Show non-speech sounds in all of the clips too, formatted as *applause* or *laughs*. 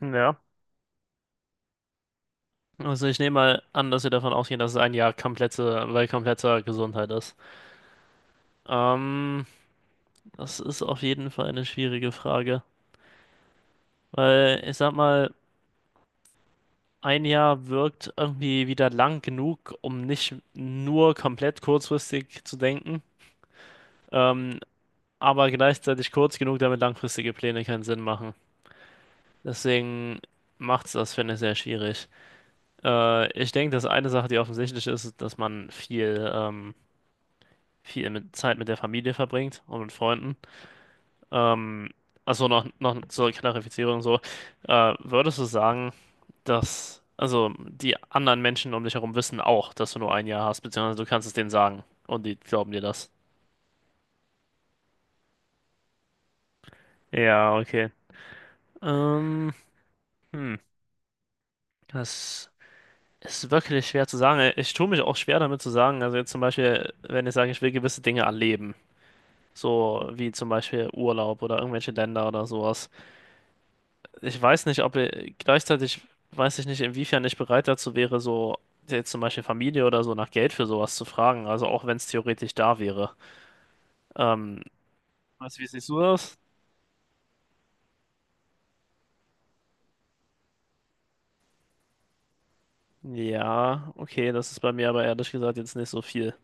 Ja. Also ich nehme mal an, dass wir davon ausgehen, dass es ein Jahr komplette, bei kompletter Gesundheit ist. Ähm, Das ist auf jeden Fall eine schwierige Frage, weil ich sag mal, ein Jahr wirkt irgendwie wieder lang genug, um nicht nur komplett kurzfristig zu denken, ähm, aber gleichzeitig kurz genug, damit langfristige Pläne keinen Sinn machen. Deswegen macht's das, finde ich, sehr schwierig. Ich denke, dass eine Sache, die offensichtlich ist, ist, dass man viel mit Zeit mit der Familie verbringt und mit Freunden. Ähm, also noch zur Klarifizierung so, würdest du sagen, dass also die anderen Menschen um dich herum wissen auch, dass du nur ein Jahr hast, beziehungsweise du kannst es denen sagen und die glauben dir das? Ja, okay. Ähm, hm, Das ist wirklich schwer zu sagen. Ich tue mich auch schwer damit zu sagen. Also jetzt zum Beispiel, wenn ich sage, ich will gewisse Dinge erleben, so wie zum Beispiel Urlaub oder irgendwelche Länder oder sowas. Ich weiß nicht, ob er gleichzeitig weiß ich nicht, inwiefern ich bereit dazu wäre, so jetzt zum Beispiel Familie oder so nach Geld für sowas zu fragen. Also auch wenn es theoretisch da wäre. Ähm, Was, wie siehst du das? Ja, okay, das ist bei mir aber ehrlich gesagt jetzt nicht so viel.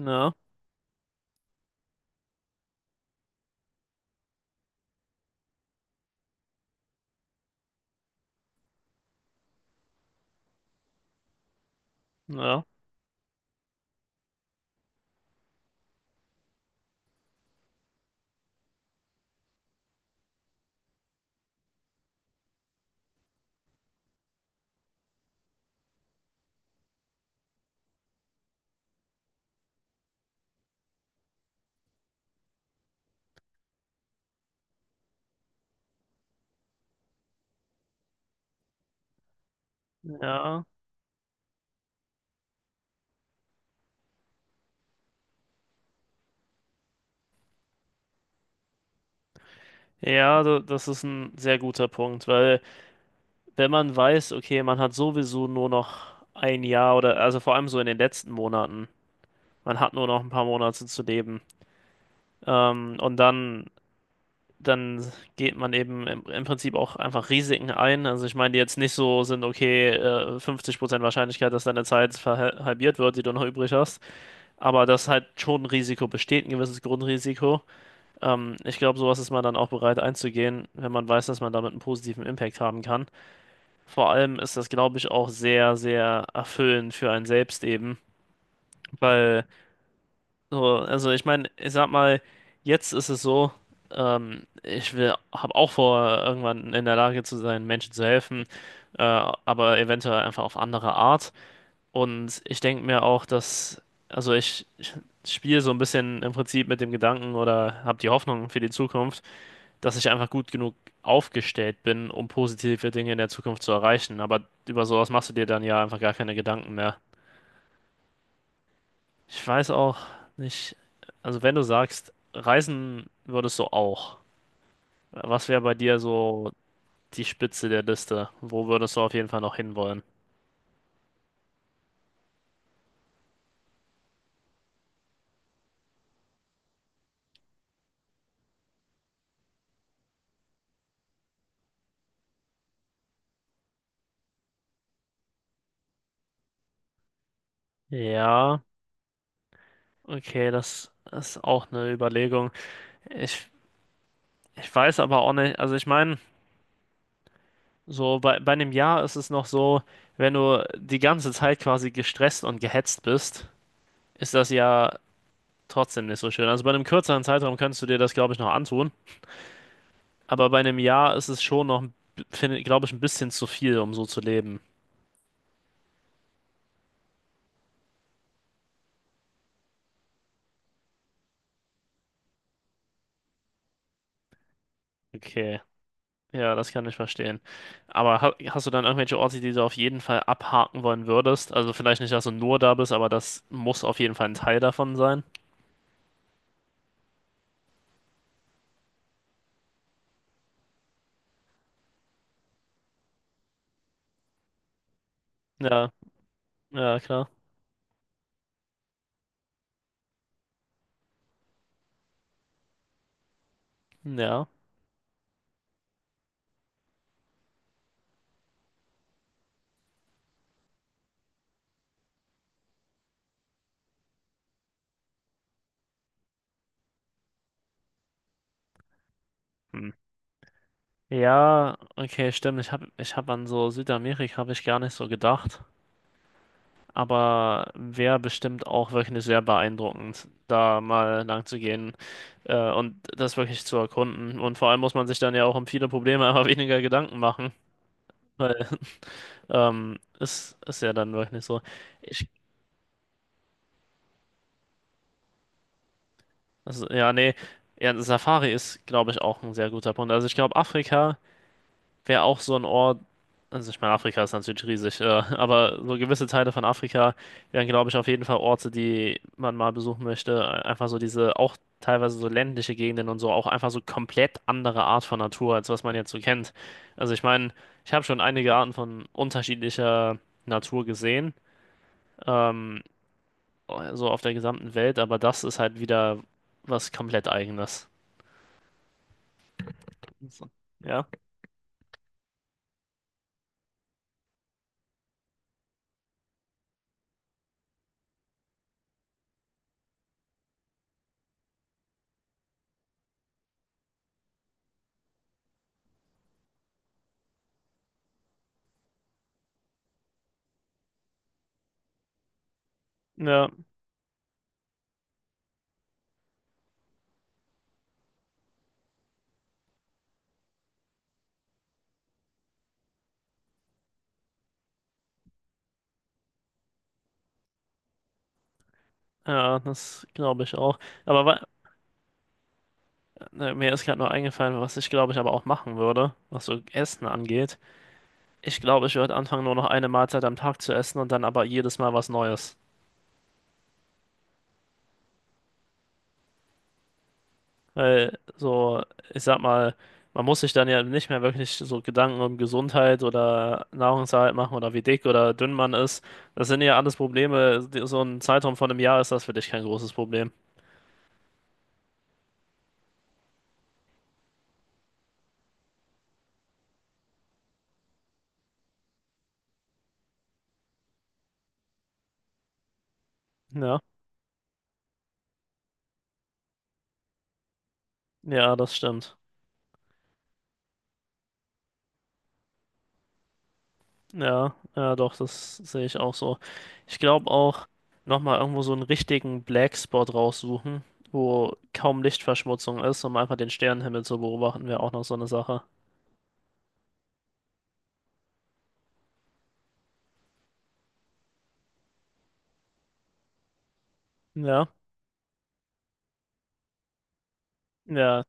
Ja, ja, ja. Ja, das ist ein sehr guter Punkt, weil wenn man weiß, okay, man hat sowieso nur noch ein Jahr oder also vor allem so in den letzten Monaten, man hat nur noch ein paar Monate zu leben. Und dann geht man eben im Prinzip auch einfach Risiken ein. Also ich meine, die jetzt nicht so sind, okay, 50% Wahrscheinlichkeit, dass deine Zeit halbiert wird, die du noch übrig hast, aber dass halt schon ein Risiko besteht, ein gewisses Grundrisiko. Ich glaube, sowas ist man dann auch bereit einzugehen, wenn man weiß, dass man damit einen positiven Impact haben kann. Vor allem ist das, glaube ich, auch sehr, sehr erfüllend für einen selbst eben, weil so, also ich meine, ich sag mal, jetzt ist es so, ich will, habe auch vor, irgendwann in der Lage zu sein, Menschen zu helfen, aber eventuell einfach auf andere Art. Und ich denke mir auch, dass, also ich spiele so ein bisschen im Prinzip mit dem Gedanken oder habe die Hoffnung für die Zukunft, dass ich einfach gut genug aufgestellt bin, um positive Dinge in der Zukunft zu erreichen. Aber über sowas machst du dir dann ja einfach gar keine Gedanken mehr. Ich weiß auch nicht, also wenn du sagst, reisen würdest du auch, was wäre bei dir so die Spitze der Liste? Wo würdest du auf jeden Fall noch hinwollen? Ja, okay, das ist auch eine Überlegung. Ich, Ich weiß aber auch nicht, also ich meine, so bei einem Jahr ist es noch so, wenn du die ganze Zeit quasi gestresst und gehetzt bist, ist das ja trotzdem nicht so schön. Also bei einem kürzeren Zeitraum könntest du dir das, glaube ich, noch antun. Aber bei einem Jahr ist es schon noch, glaube ich, ein bisschen zu viel, um so zu leben. Okay, ja, das kann ich verstehen. Aber ha hast du dann irgendwelche Orte, die du auf jeden Fall abhaken wollen würdest? Also vielleicht nicht, dass du nur da bist, aber das muss auf jeden Fall ein Teil davon sein. Ja, ja, klar. Ja. Hm. Ja, okay, stimmt. Ich hab an so Südamerika habe ich gar nicht so gedacht. Aber wäre bestimmt auch wirklich sehr beeindruckend, da mal lang zu gehen. Und das wirklich zu erkunden. Und vor allem muss man sich dann ja auch um viele Probleme einfach *laughs* weniger Gedanken machen, weil es ist ja dann wirklich so. Ich, also, ja, nee, ja, Safari ist, glaube ich, auch ein sehr guter Punkt. Also ich glaube, Afrika wäre auch so ein Ort, also ich meine, Afrika ist natürlich riesig, aber so gewisse Teile von Afrika wären, glaube ich, auf jeden Fall Orte, die man mal besuchen möchte. Einfach so diese, auch teilweise so ländliche Gegenden und so, auch einfach so komplett andere Art von Natur, als was man jetzt so kennt. Also ich meine, ich habe schon einige Arten von unterschiedlicher Natur gesehen, ähm, so auf der gesamten Welt, aber das ist halt wieder was komplett Eigenes. So. Ja, ja, ja, das glaube ich auch. Aber ne, mir ist gerade nur eingefallen, was ich glaube ich aber auch machen würde, was so Essen angeht. Ich glaube, ich würde anfangen, nur noch eine Mahlzeit am Tag zu essen und dann aber jedes Mal was Neues. Weil so, ich sag mal, man muss sich dann ja nicht mehr wirklich so Gedanken um Gesundheit oder Nahrungserhalt machen oder wie dick oder dünn man ist. Das sind ja alles Probleme. So ein Zeitraum von einem Jahr ist das für dich kein großes Problem. Ja, ja, das stimmt. Ja, ja, doch, das sehe ich auch so. Ich glaube auch, nochmal irgendwo so einen richtigen Black Spot raussuchen, wo kaum Lichtverschmutzung ist, um einfach den Sternenhimmel zu beobachten, wäre auch noch so eine Sache. Ja, ja,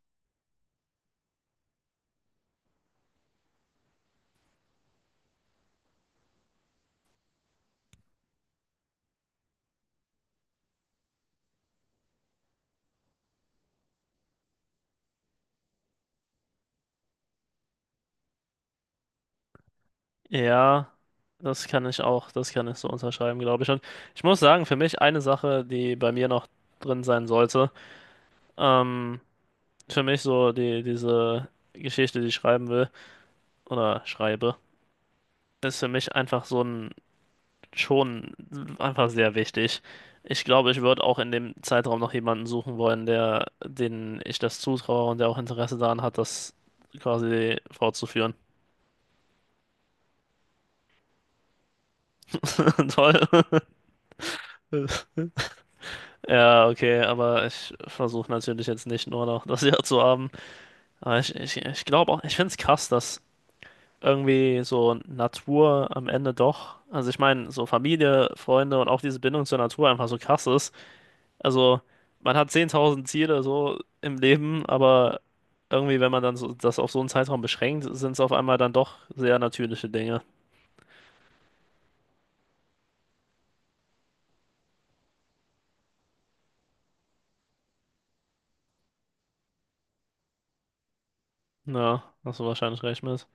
ja, das kann ich auch, das kann ich so unterschreiben, glaube ich. Und ich muss sagen, für mich eine Sache, die bei mir noch drin sein sollte, ähm, für mich so diese Geschichte, die ich schreiben will, oder schreibe, ist für mich einfach so ein schon einfach sehr wichtig. Ich glaube, ich würde auch in dem Zeitraum noch jemanden suchen wollen, der, den ich das zutraue und der auch Interesse daran hat, das quasi fortzuführen. *laughs* Toll. Ja, okay, aber ich versuche natürlich jetzt nicht nur noch das Jahr zu haben. Aber ich glaube auch, ich finde es krass, dass irgendwie so Natur am Ende doch, also ich meine, so Familie, Freunde und auch diese Bindung zur Natur einfach so krass ist. Also, man hat 10.000 Ziele so im Leben, aber irgendwie, wenn man dann so, das auf so einen Zeitraum beschränkt, sind es auf einmal dann doch sehr natürliche Dinge. Ja, hast du wahrscheinlich recht mit.